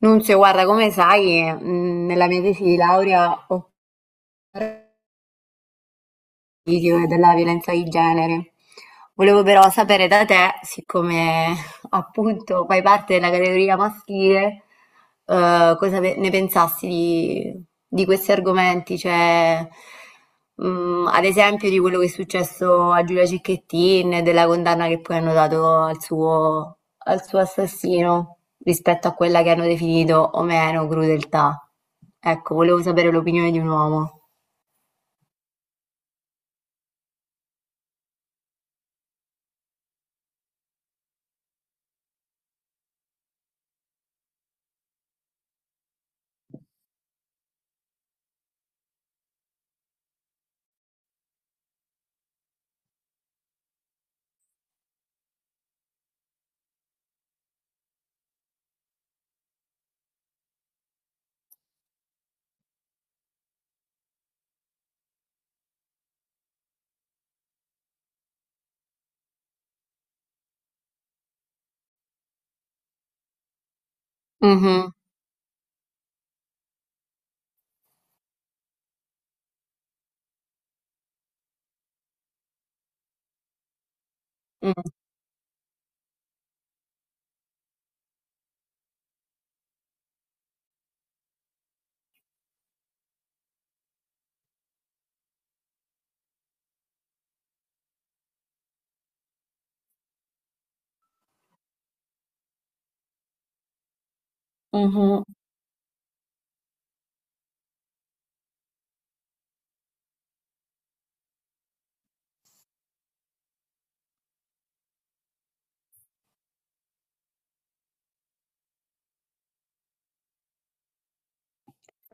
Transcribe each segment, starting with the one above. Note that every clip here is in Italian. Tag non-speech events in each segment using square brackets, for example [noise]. Nunzio, guarda, come sai, nella mia tesi di laurea ho video e della violenza di genere. Volevo però sapere da te, siccome [laughs] appunto fai parte della categoria maschile, ne pensassi di questi argomenti, cioè ad esempio di quello che è successo a Giulia Cecchettin, e della condanna che poi hanno dato al suo assassino rispetto a quella che hanno definito o meno crudeltà. Ecco, volevo sapere l'opinione di un uomo. Mhm. Mm. Mhm.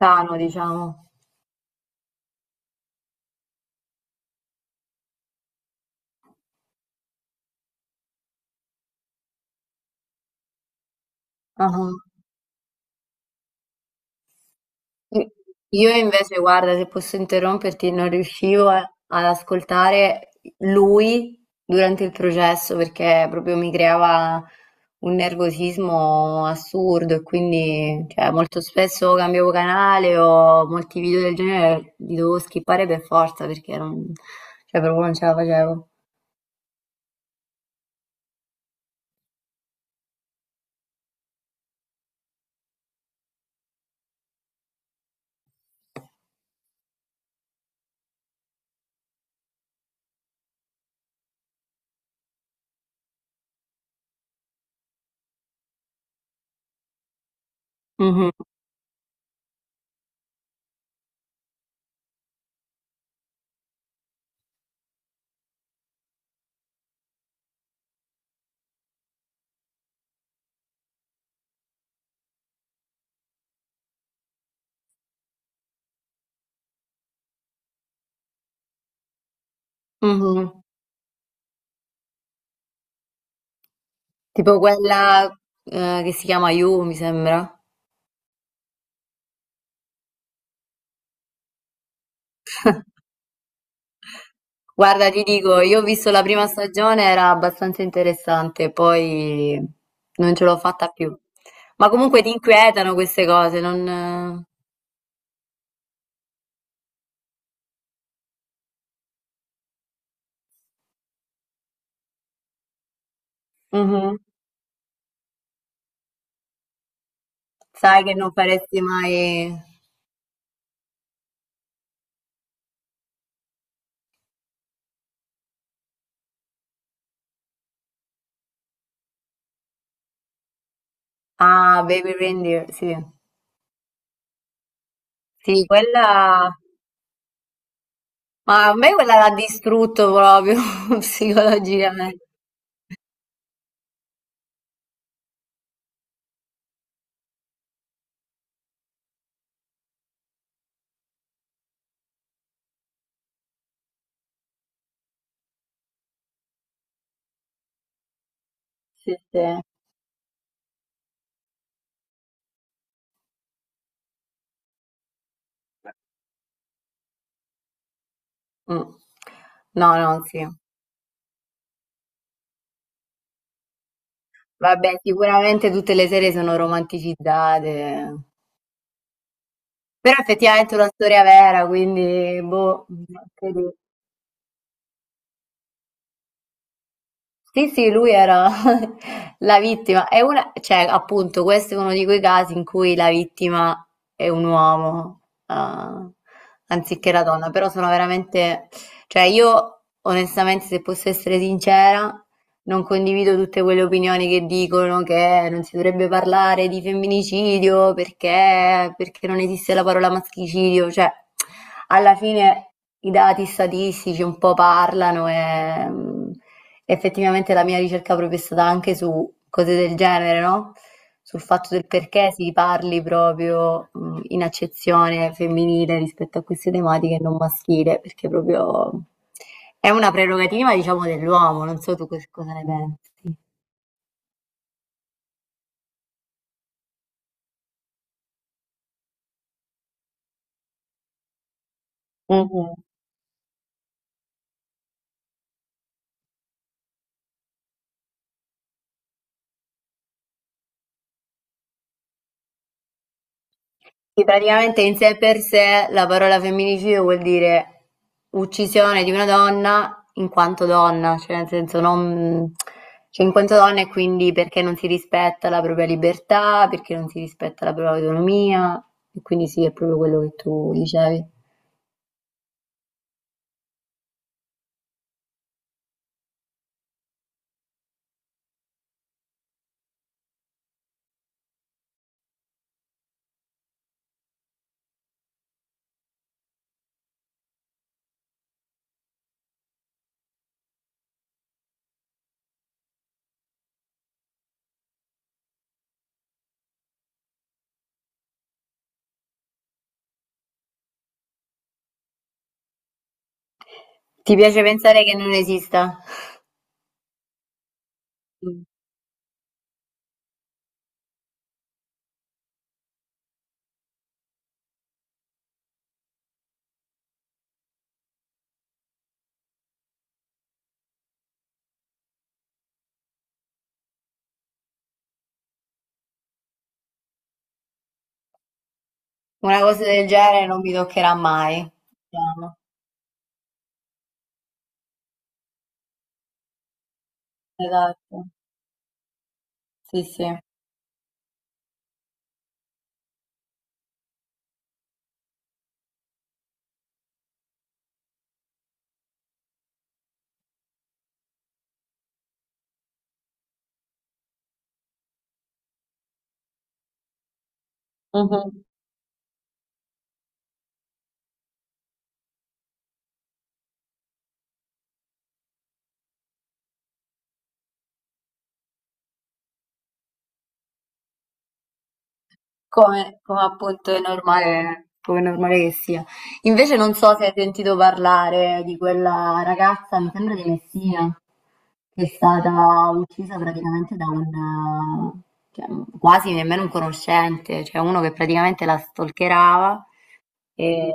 Lontano, diciamo. Ah-ah. I Io invece guarda, se posso interromperti, non riuscivo a ad ascoltare lui durante il processo perché proprio mi creava un nervosismo assurdo e quindi, cioè, molto spesso cambiavo canale o molti video del genere li dovevo skippare per forza perché non, cioè, proprio non ce la facevo. Mh-mh. Mh-mh. Tipo quella, che si chiama You, mi sembra. Guarda, ti dico, io ho visto la prima stagione, era abbastanza interessante, poi non ce l'ho fatta più. Ma comunque ti inquietano queste cose, non... Mhm. Sai che non faresti mai... Ah, Baby Reindeer, sì. Sì, quella... Ma a me quella l'ha distrutto proprio [laughs] psicologicamente. Sì, sì. Mm. No, no, sì. Vabbè, sicuramente tutte le serie sono romanticizzate. Però effettivamente è una storia vera, quindi boh, anche lì. Sì, sì, lui era [laughs] la vittima. È una, cioè, appunto, questo è uno di quei casi in cui la vittima è un uomo, eh, anziché la donna. Però sono veramente, cioè, io onestamente, se posso essere sincera, non condivido tutte quelle opinioni che dicono che non si dovrebbe parlare di femminicidio perché, perché non esiste la parola maschicidio, cioè alla fine i dati statistici un po' parlano e effettivamente la mia ricerca proprio è stata anche su cose del genere, no? Sul fatto del perché si parli proprio in accezione femminile rispetto a queste tematiche e non maschile, perché proprio è una prerogativa, diciamo, dell'uomo, non so tu cosa ne pensi. Mhm. Sì, praticamente in sé per sé la parola femminicidio vuol dire uccisione di una donna in quanto donna, cioè nel senso non, cioè in quanto donna e quindi perché non si rispetta la propria libertà, perché non si rispetta la propria autonomia, e quindi sì, è proprio quello che tu dicevi. Ti piace pensare che non esista? Mm. Una cosa del genere non mi toccherà mai, diciamo. Esatto. Sì, sì. Mhm. Come, come appunto è normale, come è normale che sia. Invece non so se hai sentito parlare di quella ragazza, mi sembra di Messina, che è stata uccisa praticamente da un, eh, cioè, quasi nemmeno un conoscente, cioè uno che praticamente la stalkerava e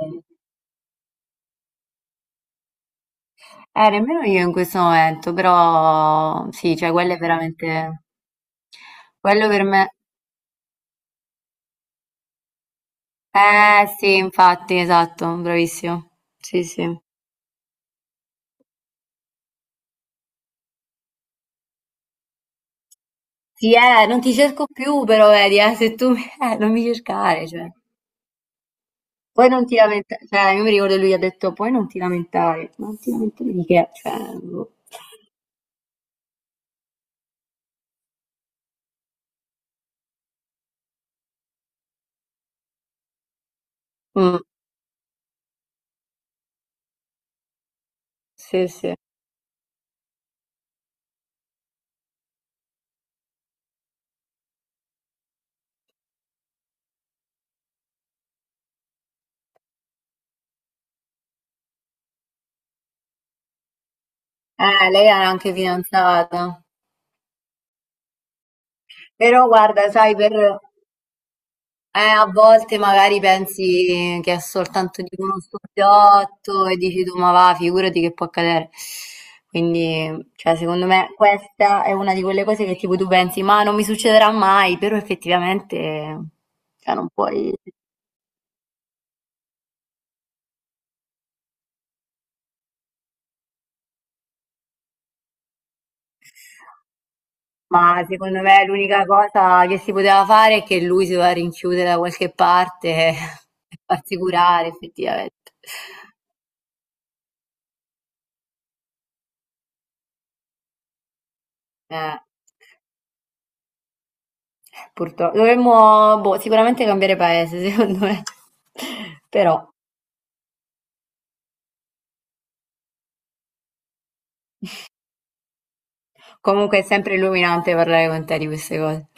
nemmeno io in questo momento, però sì, cioè quello è veramente, quello per me, eh sì, infatti, esatto, bravissimo, sì sì. Sì, non ti cerco più però, vedi, se tu [laughs] non mi cercare, cioè. Poi non ti lamentare, cioè, io mi ricordo che lui ha detto, poi non ti lamentare, non ti lamentare di che, cioè, boh. Mm, sì, sì. Lei era anche fidanzata. Però guarda, sai, per... a volte magari pensi che è soltanto di uno scopiotto e dici tu, ma va, figurati che può accadere. Quindi, cioè, secondo me questa è una di quelle cose che tipo tu pensi, ma non mi succederà mai, però effettivamente, cioè, non puoi... Ma secondo me l'unica cosa che si poteva fare è che lui si doveva rinchiudere da qualche parte [laughs] e farsi curare, effettivamente. Eh. Purtro dovremmo, boh, sicuramente cambiare paese, secondo me. [laughs] Però, comunque è sempre illuminante parlare con te di queste cose.